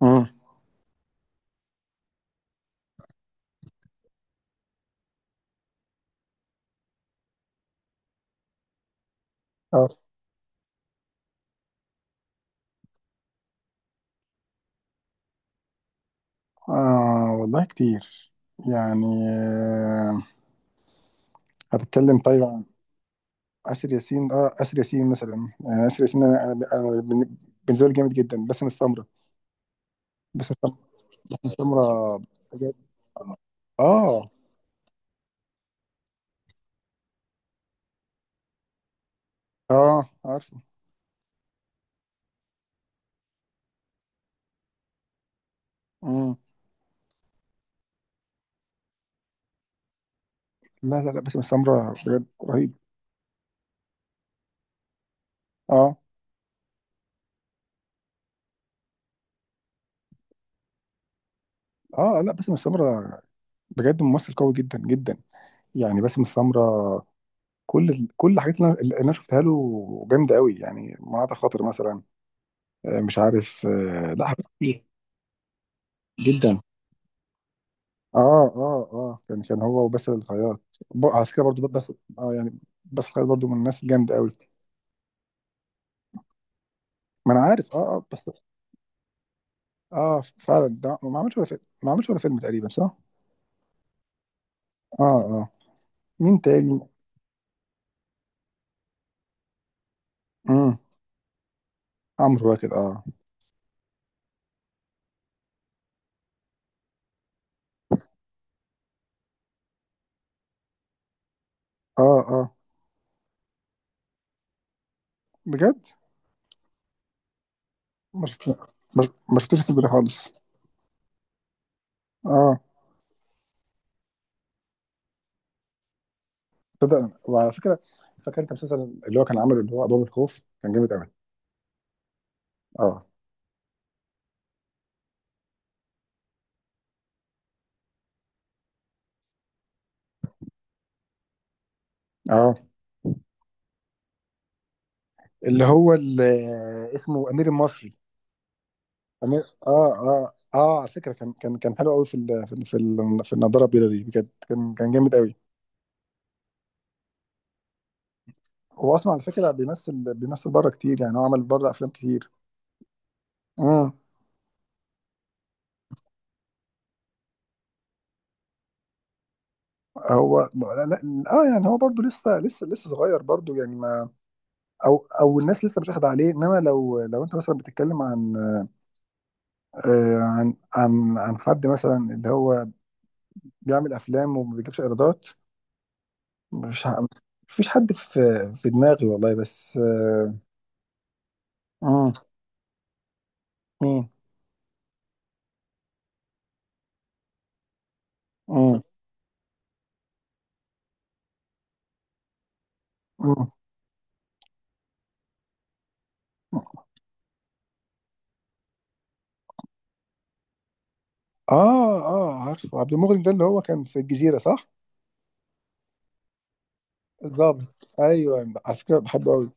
مم. اه. آه، والله كتير. يعني هتتكلم طيب عن آسر ياسين. اه آسر ياسين مثلا، آسر ياسين، أنا- أنا بن- بالنسبة لي جامد جدا. باسم السمرة، باسم السمرة، باسم السمرة، بجد. اه اه. آه، عارفه. مم. لا لا لا، باسم السمرة بجد رهيب. اه اه، لا باسم السمرة بجد ممثل قوي جدا جدا. يعني باسم السمرة، كل الحاجات اللي أنا شفتها له جامدة قوي. يعني مناطق خاطر مثلا، مش عارف، لا حاجات كتير جدا. اه اه اه، كان هو وباسل الخياط، على فكره برضو بس. اه يعني باسل الخياط برضو من الناس الجامده قوي. ما انا عارف اه اه بس. اه فعلا، ده ما عملش ولا فيلم، ما عملش ولا فيلم تقريبا، صح؟ اه اه. مين تاني؟ امم عمرو واكد. اه اه اه. بجد؟ ما شفت- ما شفتوش في البداية خالص. اه، صدق. وعلى فكره، فاكر انت المسلسل اللي هو كان عامله، اللي هو ابواب الخوف، كان جامد قوي. اه اه. اللي هو ال- اسمه امير المصري. امير، اه اه اه. على فكره كان حلو قوي في النضاره البيضاء دي، بجد كان جامد قوي. هو اصلا على فكره بيمثل بيمثل بره كتير، يعني هو عمل بره افلام كتير. امم. هو لا لا. اه يعني هو برضه لسه صغير برضه، يعني ما، او او الناس لسه مش واخده عليه. انما لو انت مثلا بتتكلم عن، عن عن حد مثلا اللي هو بيعمل افلام وما بيجيبش ايرادات. مش ع- مفيش حد في في دماغي والله، بس مم. مين؟ مم. مم. اه اه، عارفه عبد المغني ده، اللي هو كان في الجزيرة، صح؟ الظابط ايوه، على فكرة بحبه قوي.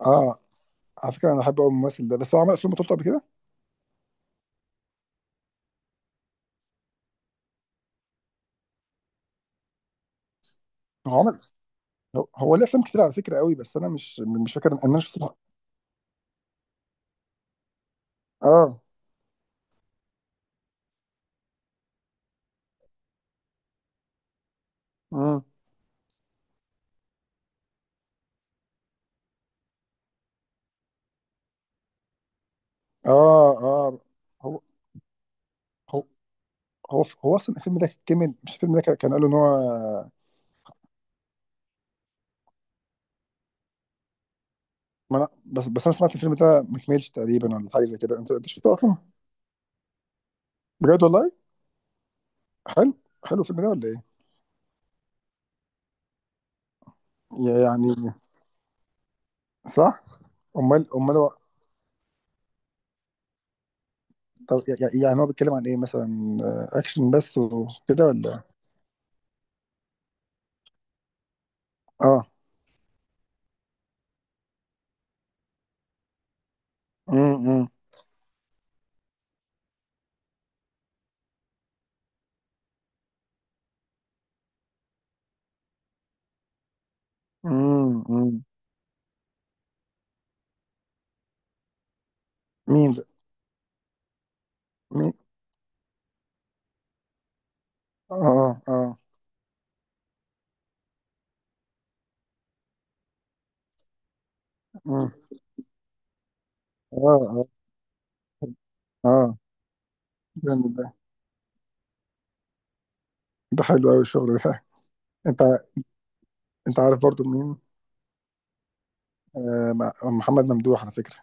اه، على فكرة انا بحبه قوي الممثل ده، بس هو عمل افلام بطولته قبل كده. هو عمل، هو ليه افلام كتير على فكرة قوي، بس انا مش فاكر. انا مش، اه. مم. اه اه. هو هو هو اصلا الفيلم ده كمل. مش الفيلم ده، كان قالوا ان هو، ما أنا بس انا سمعت الفيلم ده ما كملش تقريبا، ولا حاجه زي كده؟ انت انت شفته اصلا؟ بجد والله. حلو، حلو الفيلم ده ولا ايه؟ يعني صح. امال هو؟ طب، يعني هو بيتكلم عن ايه مثلا، اكشن بس وكده ولا؟ اه. امم امم. مين ده؟ مين؟ اه اه اه. مم. اه اه اه. جامد ده، ده حلو قوي الشغل ده. انت انت عارف برضو مين؟ محمد ممدوح على فكره.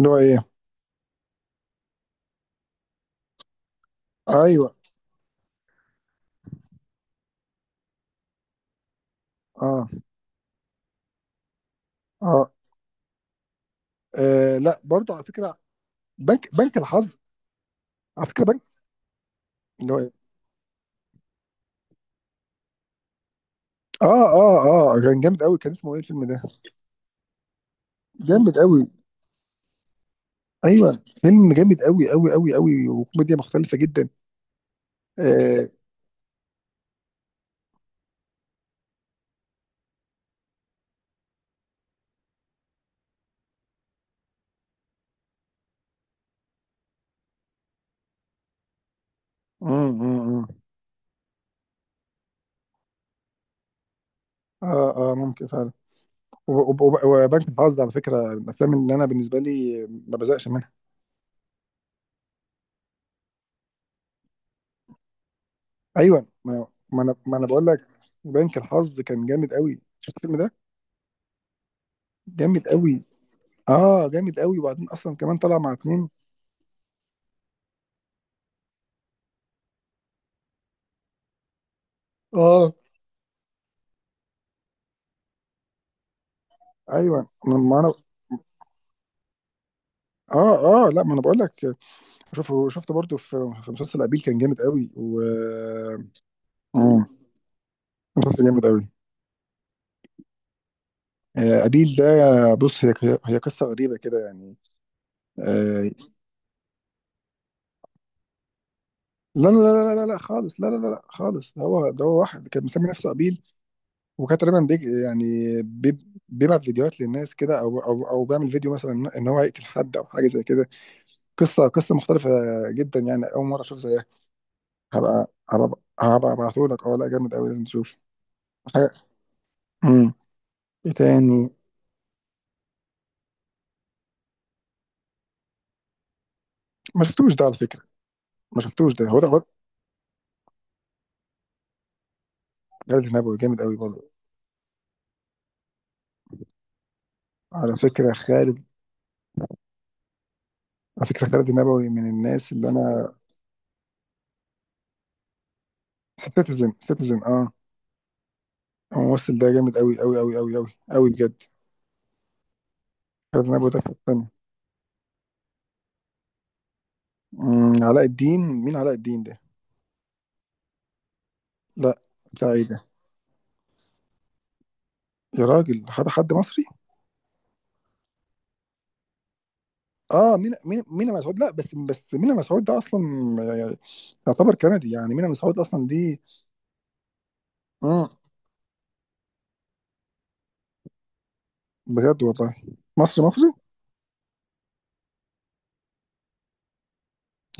اللي هو ايه؟ ايوه. اه اه، لا برضو على فكره. بنك بنك الحظ، على فكره بنك. اللي هو إيه؟ اه اه اه، كان جامد قوي. كان اسمه ايه الفيلم ده؟ جامد قوي. ايوه، فيلم جامد قوي قوي قوي قوي، وكوميديا مختلفه جدا. اه. مم، مم، مم. اه اه، ممكن فعلا. وبنك الحظ على فكره من الافلام اللي انا بالنسبه لي ما بزقش منها. ايوه ما، ما انا، ما انا بقول لك بنك الحظ كان جامد قوي. شفت الفيلم ده؟ جامد قوي. اه جامد قوي، وبعدين اصلا كمان طلع مع اتنين. اه ايوه ما، ما انا، اه اه، لا ما انا بقول لك، شوفه، شفته برضه في في مسلسل ابيل كان جامد قوي. و، مم. مسلسل جامد قوي. ابيل ده، بص، هي، هي قصه غريبه كده يعني، آه، لا لا لا لا لا لا خالص، لا لا لا لا خالص. ده هو، ده هو واحد كان مسمي نفسه ابيل، وكان تقريبا يعني، بيبعت فيديوهات للناس كده، او او او بيعمل فيديو مثلا ان إن هو هيقتل حد او حاجه زي كده. قصه، قصه مختلفه جدا، يعني اول مره اشوف زيها. هبقى ابعته لك. اه لا، جامد قوي، لازم تشوف حاجه. امم. ايه تاني؟ ما شفتوش ده على فكره. ما شفتوش ده، هو ده هو. خالد النبوي جامد قوي برضه. على فكره خالد، على فكره خالد النبوي من الناس اللي انا. سيتيزن، سيتيزن اه. هو الممثل ده جامد قوي قوي قوي قوي قوي قوي بجد. خالد النبوي ده في الثانيه. أمم، علاء الدين مين؟ علاء الدين ده؟ لا. بتاع ايه ده؟ يا راجل، حد حد مصري؟ اه مين، مين، مين مسعود. لا بس، بس مين مسعود ده اصلا يعني يعتبر كندي، يعني مين مسعود اصلا دي. امم. بجد والله. مصري مصري.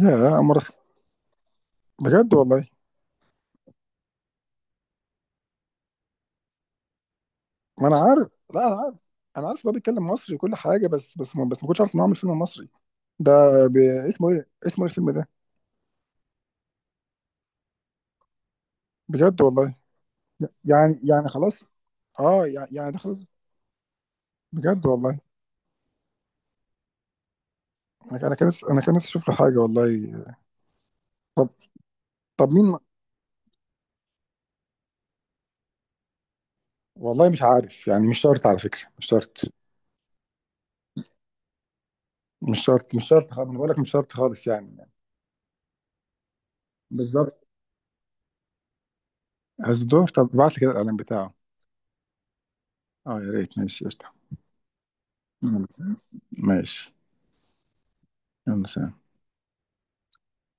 يا، اول مره أسمع. بجد والله. ما انا عارف، لا انا عارف. انا عارف إن هو بيتكلم مصري وكل حاجه، بس بس ما بس ما كنتش عارف انه عامل فيلم مصري ده. ب... اسمه ايه، اسمه ايه الفيلم ده؟ بجد والله. يعني، يعني خلاص. اه يعني ده خلاص. بجد والله. انا، انا كان نفسي اشوف له حاجه والله. طب. طب مين؟ والله مش عارف، يعني مش شرط على فكره. مش شرط، مش شرط مش شرط خالص، انا بقول لك مش شرط خالص يعني يعني. بالظبط. هزدور؟ طب ابعت لي كده الاعلان بتاعه. اه يا ريت، ماشي قشطه. ماشي. يلا سلام.